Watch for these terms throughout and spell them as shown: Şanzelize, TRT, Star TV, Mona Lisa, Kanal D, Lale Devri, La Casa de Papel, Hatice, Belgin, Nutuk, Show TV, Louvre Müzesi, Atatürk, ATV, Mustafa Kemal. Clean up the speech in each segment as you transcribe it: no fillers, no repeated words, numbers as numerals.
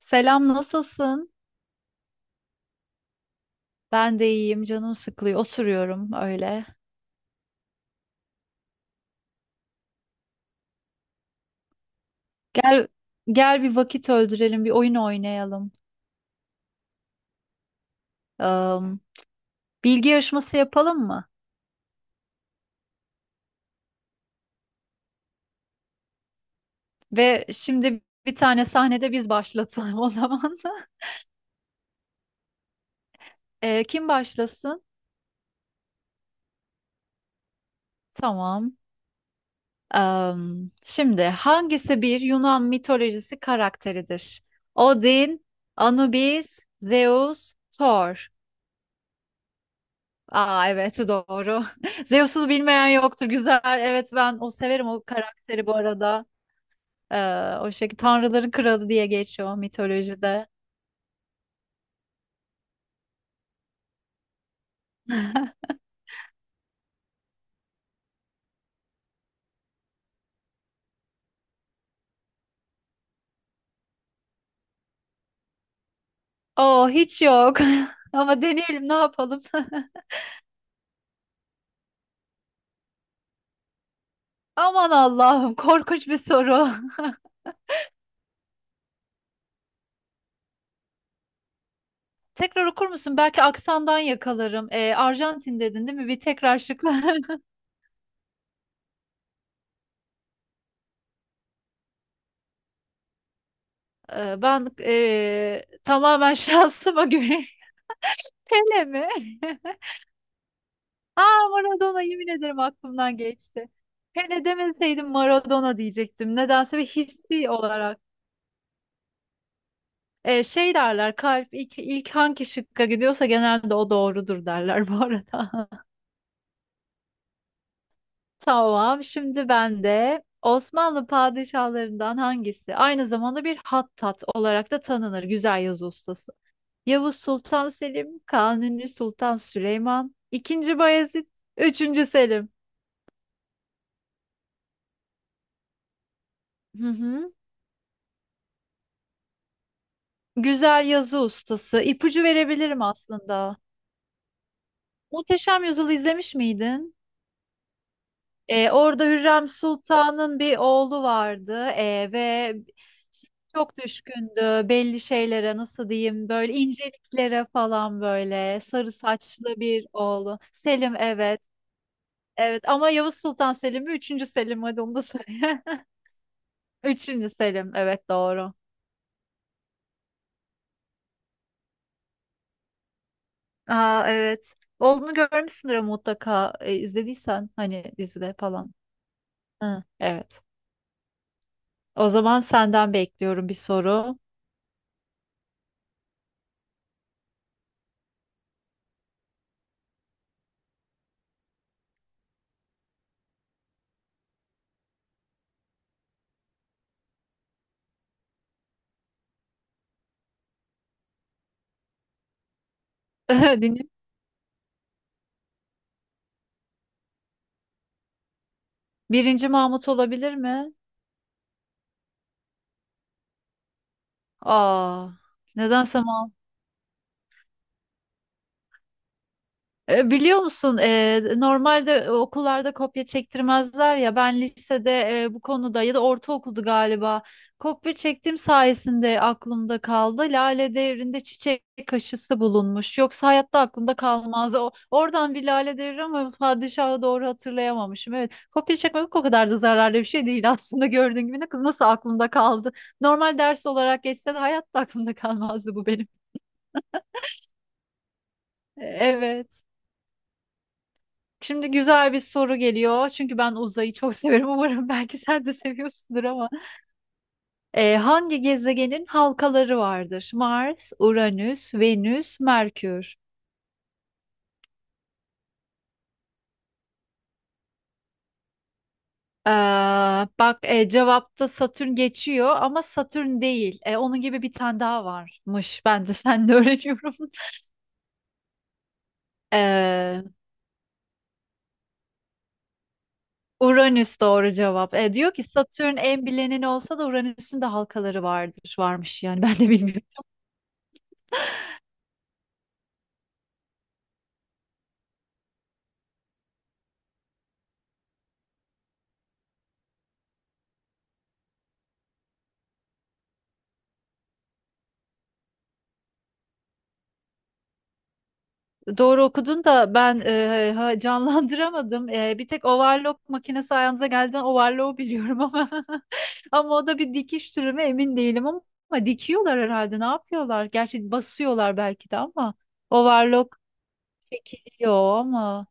Selam, nasılsın? Ben de iyiyim, canım sıkılıyor. Oturuyorum öyle. Gel, gel bir vakit öldürelim, bir oyun oynayalım. Am, bilgi yarışması yapalım mı? Ve şimdi bir tane sahnede biz başlatalım o zaman. Kim başlasın? Tamam. Şimdi hangisi bir Yunan mitolojisi karakteridir? Odin, Anubis, Zeus, Thor. Aa, evet doğru. Zeus'u bilmeyen yoktur. Güzel. Evet, ben o severim o karakteri bu arada. O şekilde Tanrıların Kralı diye geçiyor mitolojide. Oo, hiç yok. Ama deneyelim, ne yapalım. Aman Allah'ım, korkunç bir soru. Tekrar okur musun? Belki aksandan yakalarım. Arjantin dedin değil mi? Bir tekrar şıklar. Ben tamamen şansıma güveniyorum. Pele mi? Maradona, yemin ederim aklımdan geçti. Hele demeseydim Maradona diyecektim. Nedense bir hissi olarak. Şey derler, kalp ilk hangi şıkka gidiyorsa genelde o doğrudur derler bu arada. Tamam, şimdi ben de. Osmanlı padişahlarından hangisi aynı zamanda bir hattat olarak da tanınır, güzel yazı ustası? Yavuz Sultan Selim, Kanuni Sultan Süleyman, II. Bayezid, Üçüncü Selim. Hı hı. Güzel yazı ustası. İpucu verebilirim aslında. Muhteşem Yüzyıl'ı izlemiş miydin? Orada Hürrem Sultan'ın bir oğlu vardı ve çok düşkündü belli şeylere, nasıl diyeyim, böyle inceliklere falan, böyle sarı saçlı bir oğlu. Selim, evet. Evet ama Yavuz Sultan Selim mi? Üçüncü Selim, hadi onu da söyle. Üçüncü Selim, evet, doğru. Aa, evet. Oğlunu görmüşsündür ama mutlaka, izlediysen hani dizide falan. Hı, evet. O zaman senden bekliyorum bir soru. Dinle. Birinci Mahmut olabilir mi? Aa, nedense Mahmut. Biliyor musun, normalde okullarda kopya çektirmezler ya, ben lisede, bu konuda, ya da ortaokuldu galiba, kopya çektiğim sayesinde aklımda kaldı. Lale Devri'nde çiçek aşısı bulunmuş. Yoksa hayatta aklımda kalmaz. Oradan bir Lale Devri ama padişahı doğru hatırlayamamışım. Evet, kopya çekmek o kadar da zararlı bir şey değil aslında, gördüğün gibi. Ne kız, nasıl aklımda kaldı? Normal ders olarak geçse de hayatta aklımda kalmazdı bu benim. Evet. Şimdi güzel bir soru geliyor. Çünkü ben uzayı çok severim. Umarım belki sen de seviyorsundur ama. Hangi gezegenin halkaları vardır? Mars, Uranüs, Venüs, Merkür. Ee, bak, cevapta Satürn geçiyor ama Satürn değil. Onun gibi bir tane daha varmış. Ben de seninle öğreniyorum. Ee, Uranüs doğru cevap. Diyor ki Satürn en bilineni olsa da Uranüs'ün de halkaları vardır. Varmış yani, ben de bilmiyorum. Doğru okudun da ben canlandıramadım. Bir tek overlock makinesi ayağınıza geldiğinden overlock biliyorum ama, ama o da bir dikiş türü mü emin değilim, ama, ama dikiyorlar herhalde. Ne yapıyorlar? Gerçi basıyorlar belki de ama overlock çekiliyor ama,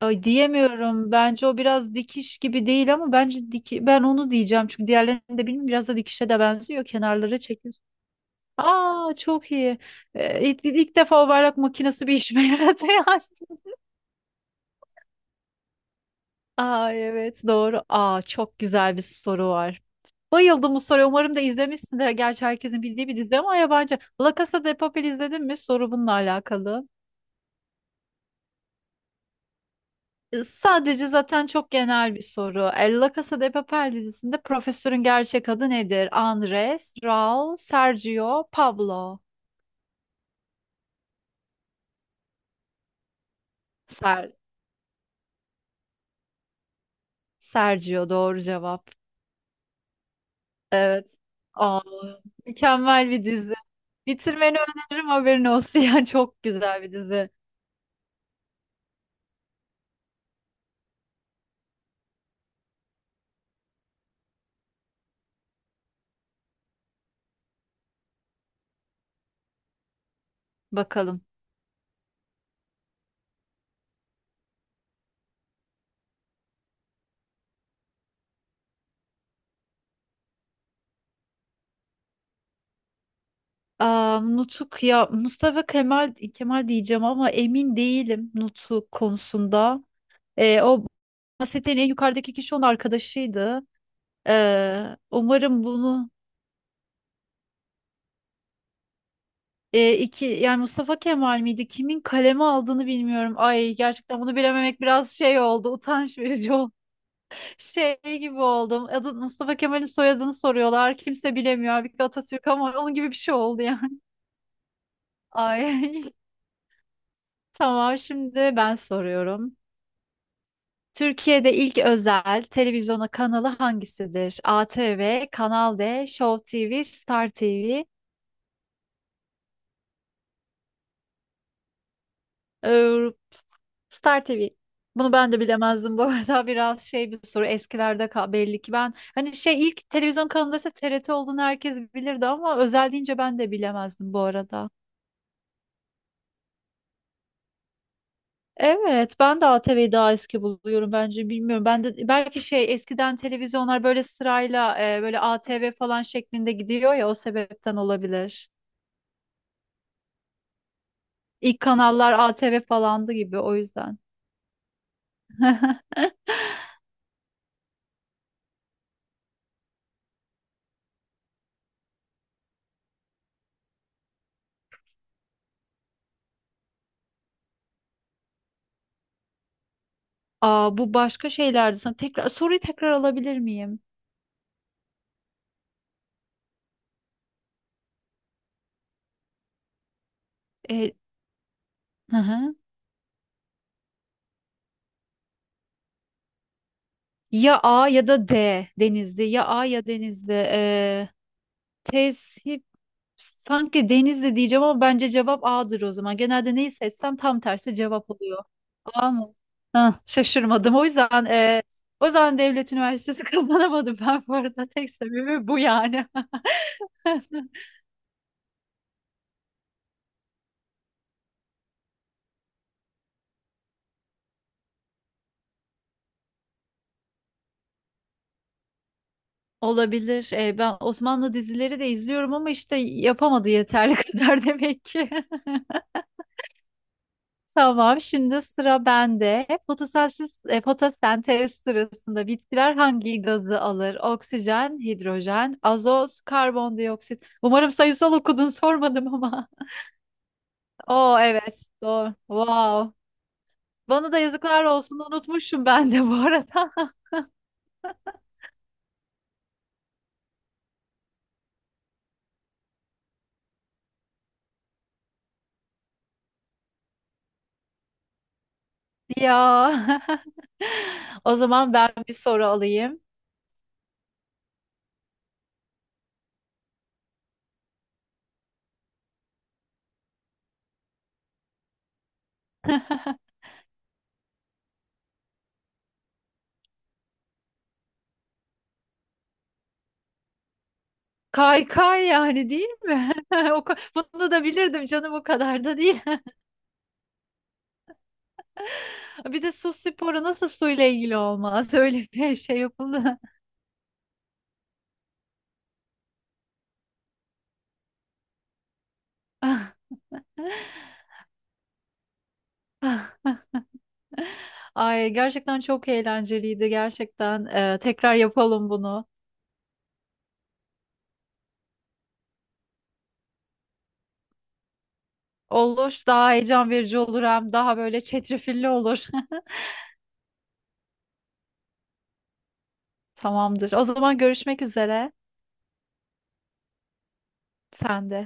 ay, diyemiyorum. Bence o biraz dikiş gibi değil ama, bence diki, ben onu diyeceğim, çünkü diğerlerini de bilmiyorum. Biraz da dikişe de benziyor. Kenarları çekiyor. Aa, çok iyi. İlk defa overlock makinesi bir işime yaradı yani. Aa, evet, doğru. Aa, çok güzel bir soru var. Bayıldım bu soruya. Umarım da izlemişsindir. Gerçi herkesin bildiği bir dizi ama yabancı. La Casa de Papel izledin mi? Soru bununla alakalı. Sadece, zaten çok genel bir soru. La Casa de Papel dizisinde profesörün gerçek adı nedir? Andres, Raul, Sergio, Pablo. Ser Sergio doğru cevap. Evet. Aa, mükemmel bir dizi. Bitirmeni öneririm, haberin olsun. Yani çok güzel bir dizi. Bakalım. Aa, Nutuk, ya Mustafa Kemal diyeceğim ama emin değilim Nutuk konusunda. O bahsettiğin en yukarıdaki kişi onun arkadaşıydı. Umarım bunu, iki yani, Mustafa Kemal miydi? Kimin kaleme aldığını bilmiyorum. Ay, gerçekten bunu bilememek biraz şey oldu. Utanç verici oldu. Şey gibi oldum. Adı Mustafa Kemal'in, soyadını soruyorlar, kimse bilemiyor. Halbuki Atatürk, ama onun gibi bir şey oldu yani. Ay, tamam, şimdi ben soruyorum. Türkiye'de ilk özel televizyona kanalı hangisidir? ATV, Kanal D, Show TV, Star TV. Ee, Star TV. Bunu ben de bilemezdim bu arada. Biraz şey bir soru. Eskilerde belli ki, ben hani şey, ilk televizyon kanalında ise TRT olduğunu herkes bilirdi ama özel deyince ben de bilemezdim bu arada. Evet, ben de ATV'yi daha eski buluyorum bence, bilmiyorum. Ben de belki şey, eskiden televizyonlar böyle sırayla, böyle ATV falan şeklinde gidiyor ya, o sebepten olabilir. İlk kanallar ATV falandı gibi, o yüzden. Aa, bu başka şeylerdi. Sana tekrar soruyu tekrar alabilir miyim? E, hı hı. Ya A ya da D, Denizli. Ya A ya Denizli. Tesip, sanki Denizli diyeceğim ama bence cevap A'dır o zaman. Genelde neyi seçsem tam tersi cevap oluyor. A mı? Hah, şaşırmadım. O yüzden Devlet Üniversitesi kazanamadım ben bu arada. Tek sebebi bu yani. Olabilir. Ben Osmanlı dizileri de izliyorum ama işte yapamadı yeterli kadar, demek ki. Tamam, şimdi sıra bende. Fotosentez sırasında bitkiler hangi gazı alır? Oksijen, hidrojen, azot, karbondioksit. Umarım sayısal okudun, sormadım ama. Oo, evet, doğru. Wow. Bana da yazıklar olsun, unutmuşum ben de bu arada. Ya. O zaman ben bir soru alayım. Kaykay, yani değil mi? O ka- Bunu da bilirdim canım, o kadar da değil. Bir de su sporu nasıl suyla ilgili olmaz? Öyle bir şey yapıldı. Ay, gerçekten çok eğlenceliydi, gerçekten. Tekrar yapalım bunu. Olur, daha heyecan verici olur, hem daha böyle çetrefilli olur. Tamamdır. O zaman görüşmek üzere. Sen de.